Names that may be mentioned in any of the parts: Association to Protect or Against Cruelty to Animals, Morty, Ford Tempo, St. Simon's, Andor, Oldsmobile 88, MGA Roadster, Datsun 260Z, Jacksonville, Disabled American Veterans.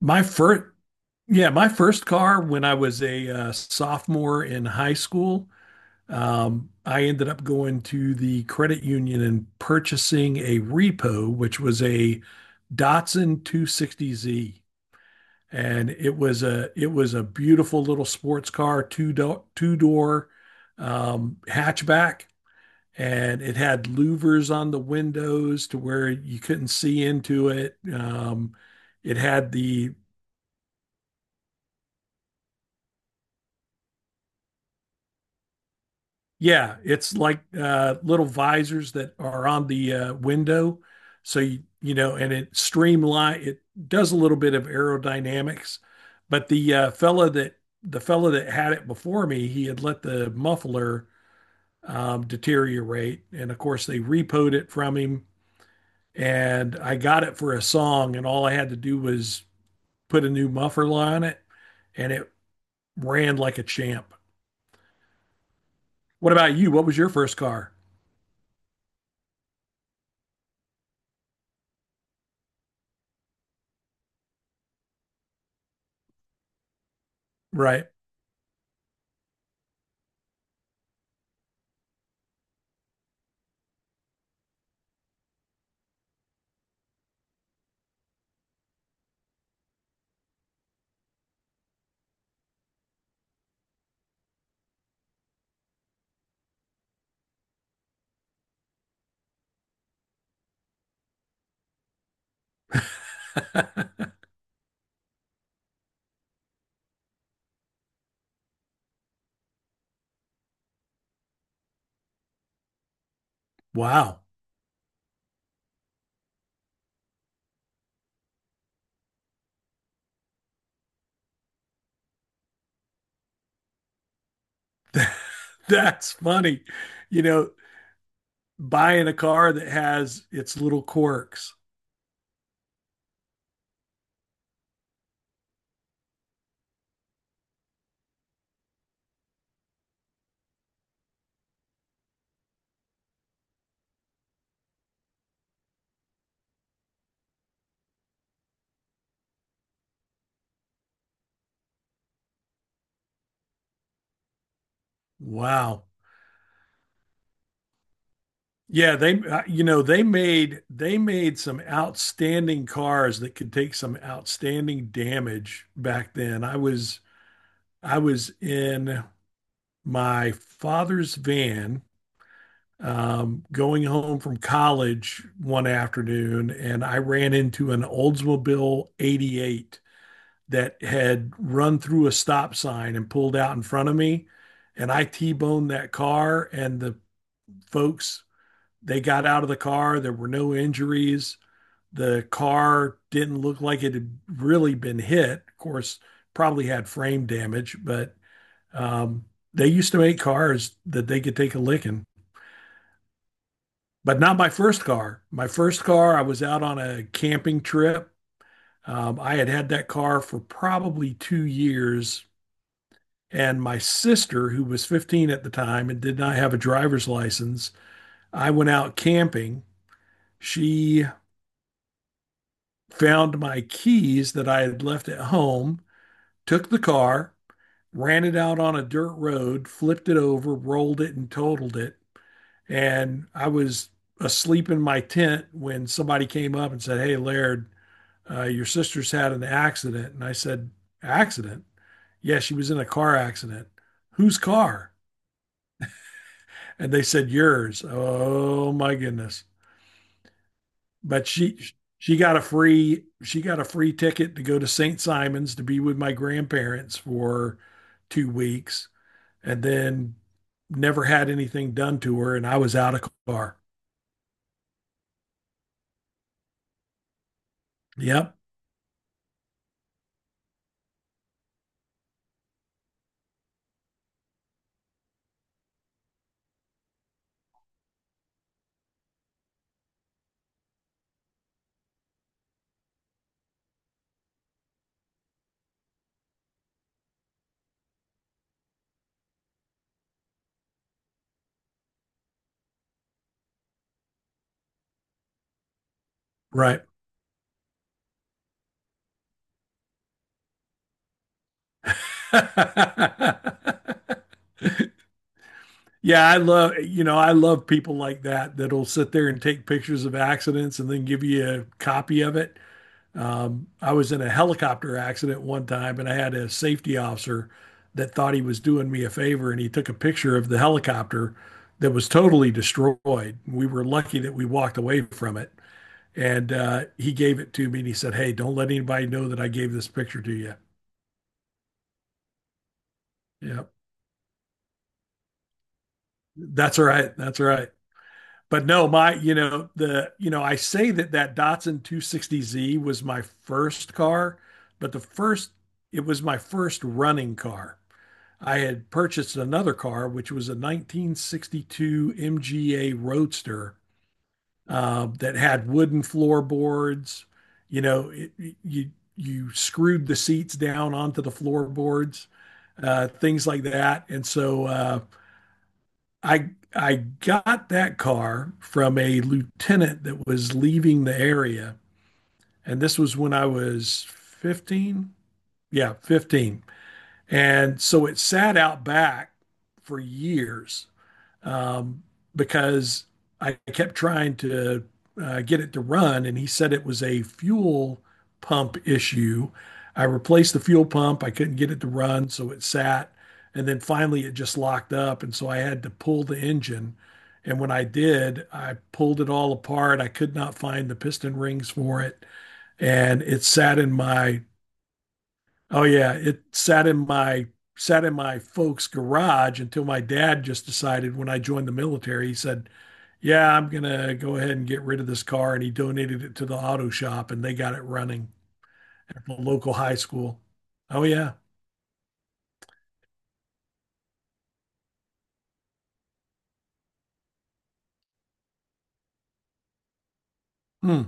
My first, yeah, my first car when I was a sophomore in high school, I ended up going to the credit union and purchasing a repo, which was a Datsun 260Z, and it was a beautiful little sports car, two door hatchback, and it had louvers on the windows to where you couldn't see into it. It had the yeah, it's like little visors that are on the window. So and it streamline it does a little bit of aerodynamics, but the fella that had it before me, he had let the muffler deteriorate, and of course they repoed it from him. And I got it for a song, and all I had to do was put a new muffler on it, and it ran like a champ. What about you? What was your first car? Right. Wow. That's funny. You know, Buying a car that has its little quirks. Wow. Yeah, they you know, they made some outstanding cars that could take some outstanding damage back then. I was in my father's van going home from college one afternoon and I ran into an Oldsmobile 88 that had run through a stop sign and pulled out in front of me. And I T boned that car, and the folks, they got out of the car. There were no injuries. The car didn't look like it had really been hit. Of course, probably had frame damage, but um, they used to make cars that they could take a licking, but not my first car. My first car, I was out on a camping trip. I had had that car for probably 2 years. And my sister, who was 15 at the time and did not have a driver's license, I went out camping. She found my keys that I had left at home, took the car, ran it out on a dirt road, flipped it over, rolled it, and totaled it. And I was asleep in my tent when somebody came up and said, "Hey, Laird, your sister's had an accident." And I said, "Accident?" Yeah, she was in a car accident. Whose car? And they said yours. Oh my goodness! But she got a free she got a free ticket to go to St. Simon's to be with my grandparents for 2 weeks, and then never had anything done to her, and I was out of car. Yep, right. Yeah, I love I love people like that that'll sit there and take pictures of accidents and then give you a copy of it. I was in a helicopter accident one time, and I had a safety officer that thought he was doing me a favor, and he took a picture of the helicopter that was totally destroyed. We were lucky that we walked away from it, and he gave it to me, and he said, "Hey, don't let anybody know that I gave this picture to you." Yeah, that's all right. That's all right. But no, my, you know, the, you know, I say that that Datsun 260Z was my first car, but the first, it was my first running car. I had purchased another car, which was a 1962 MGA Roadster that had wooden floorboards. You know, it, you screwed the seats down onto the floorboards, things like that. And so I got that car from a lieutenant that was leaving the area, and this was when I was 15. Yeah, 15. And so it sat out back for years um, because I kept trying to get it to run, and he said it was a fuel pump issue. I replaced the fuel pump. I couldn't get it to run, so it sat. And then finally, it just locked up. And so I had to pull the engine. And when I did, I pulled it all apart. I could not find the piston rings for it. And it sat in my oh yeah, it sat in my folks' garage until my dad just decided when I joined the military, he said, "Yeah, I'm gonna go ahead and get rid of this car," and he donated it to the auto shop, and they got it running at the local high school. Oh yeah, hmm.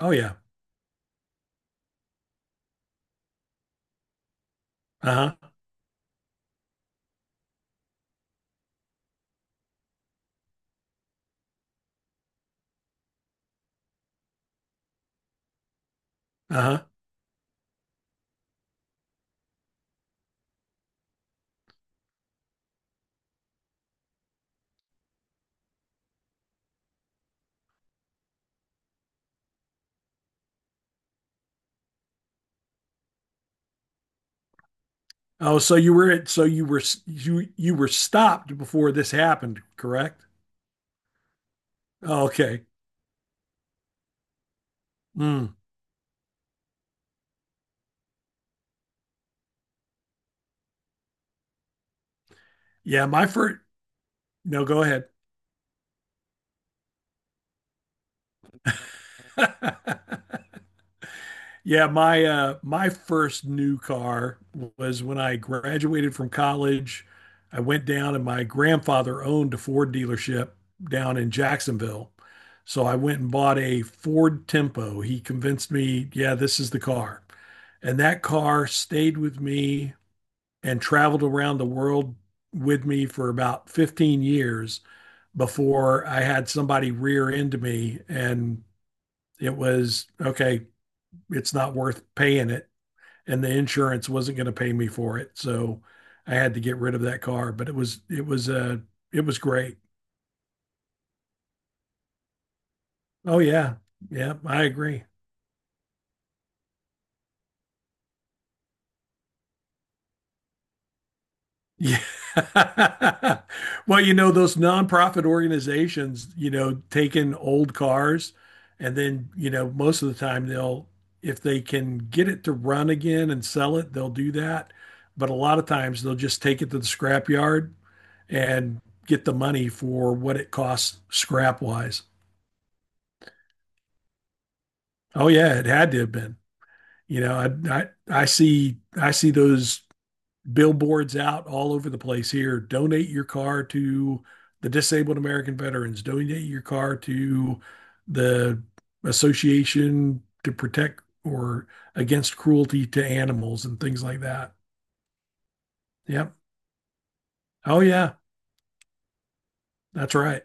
Oh yeah, uh-huh, uh-huh. Oh, so you were at, so you were stopped before this happened, correct? Oh, okay. Hmm. Yeah, my first. No, go ahead. Yeah, my my first new car was when I graduated from college. I went down and my grandfather owned a Ford dealership down in Jacksonville. So I went and bought a Ford Tempo. He convinced me, yeah, this is the car. And that car stayed with me and traveled around the world with me for about 15 years before I had somebody rear into me and it was okay, it's not worth paying it and the insurance wasn't going to pay me for it. So I had to get rid of that car, but it was great. Oh yeah. Yeah, I agree. Yeah. Well, you know, those nonprofit organizations, you know, take in old cars and then, you know, most of the time they'll if they can get it to run again and sell it, they'll do that. But a lot of times they'll just take it to the scrapyard and get the money for what it costs scrap wise. Oh yeah, it had to have been. You know, I I, I see those billboards out all over the place here. Donate your car to the disabled American veterans. Donate your car to the Association to Protect or Against Cruelty to Animals and things like that. Yep. Oh yeah, that's right.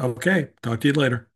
Okay. Talk to you later.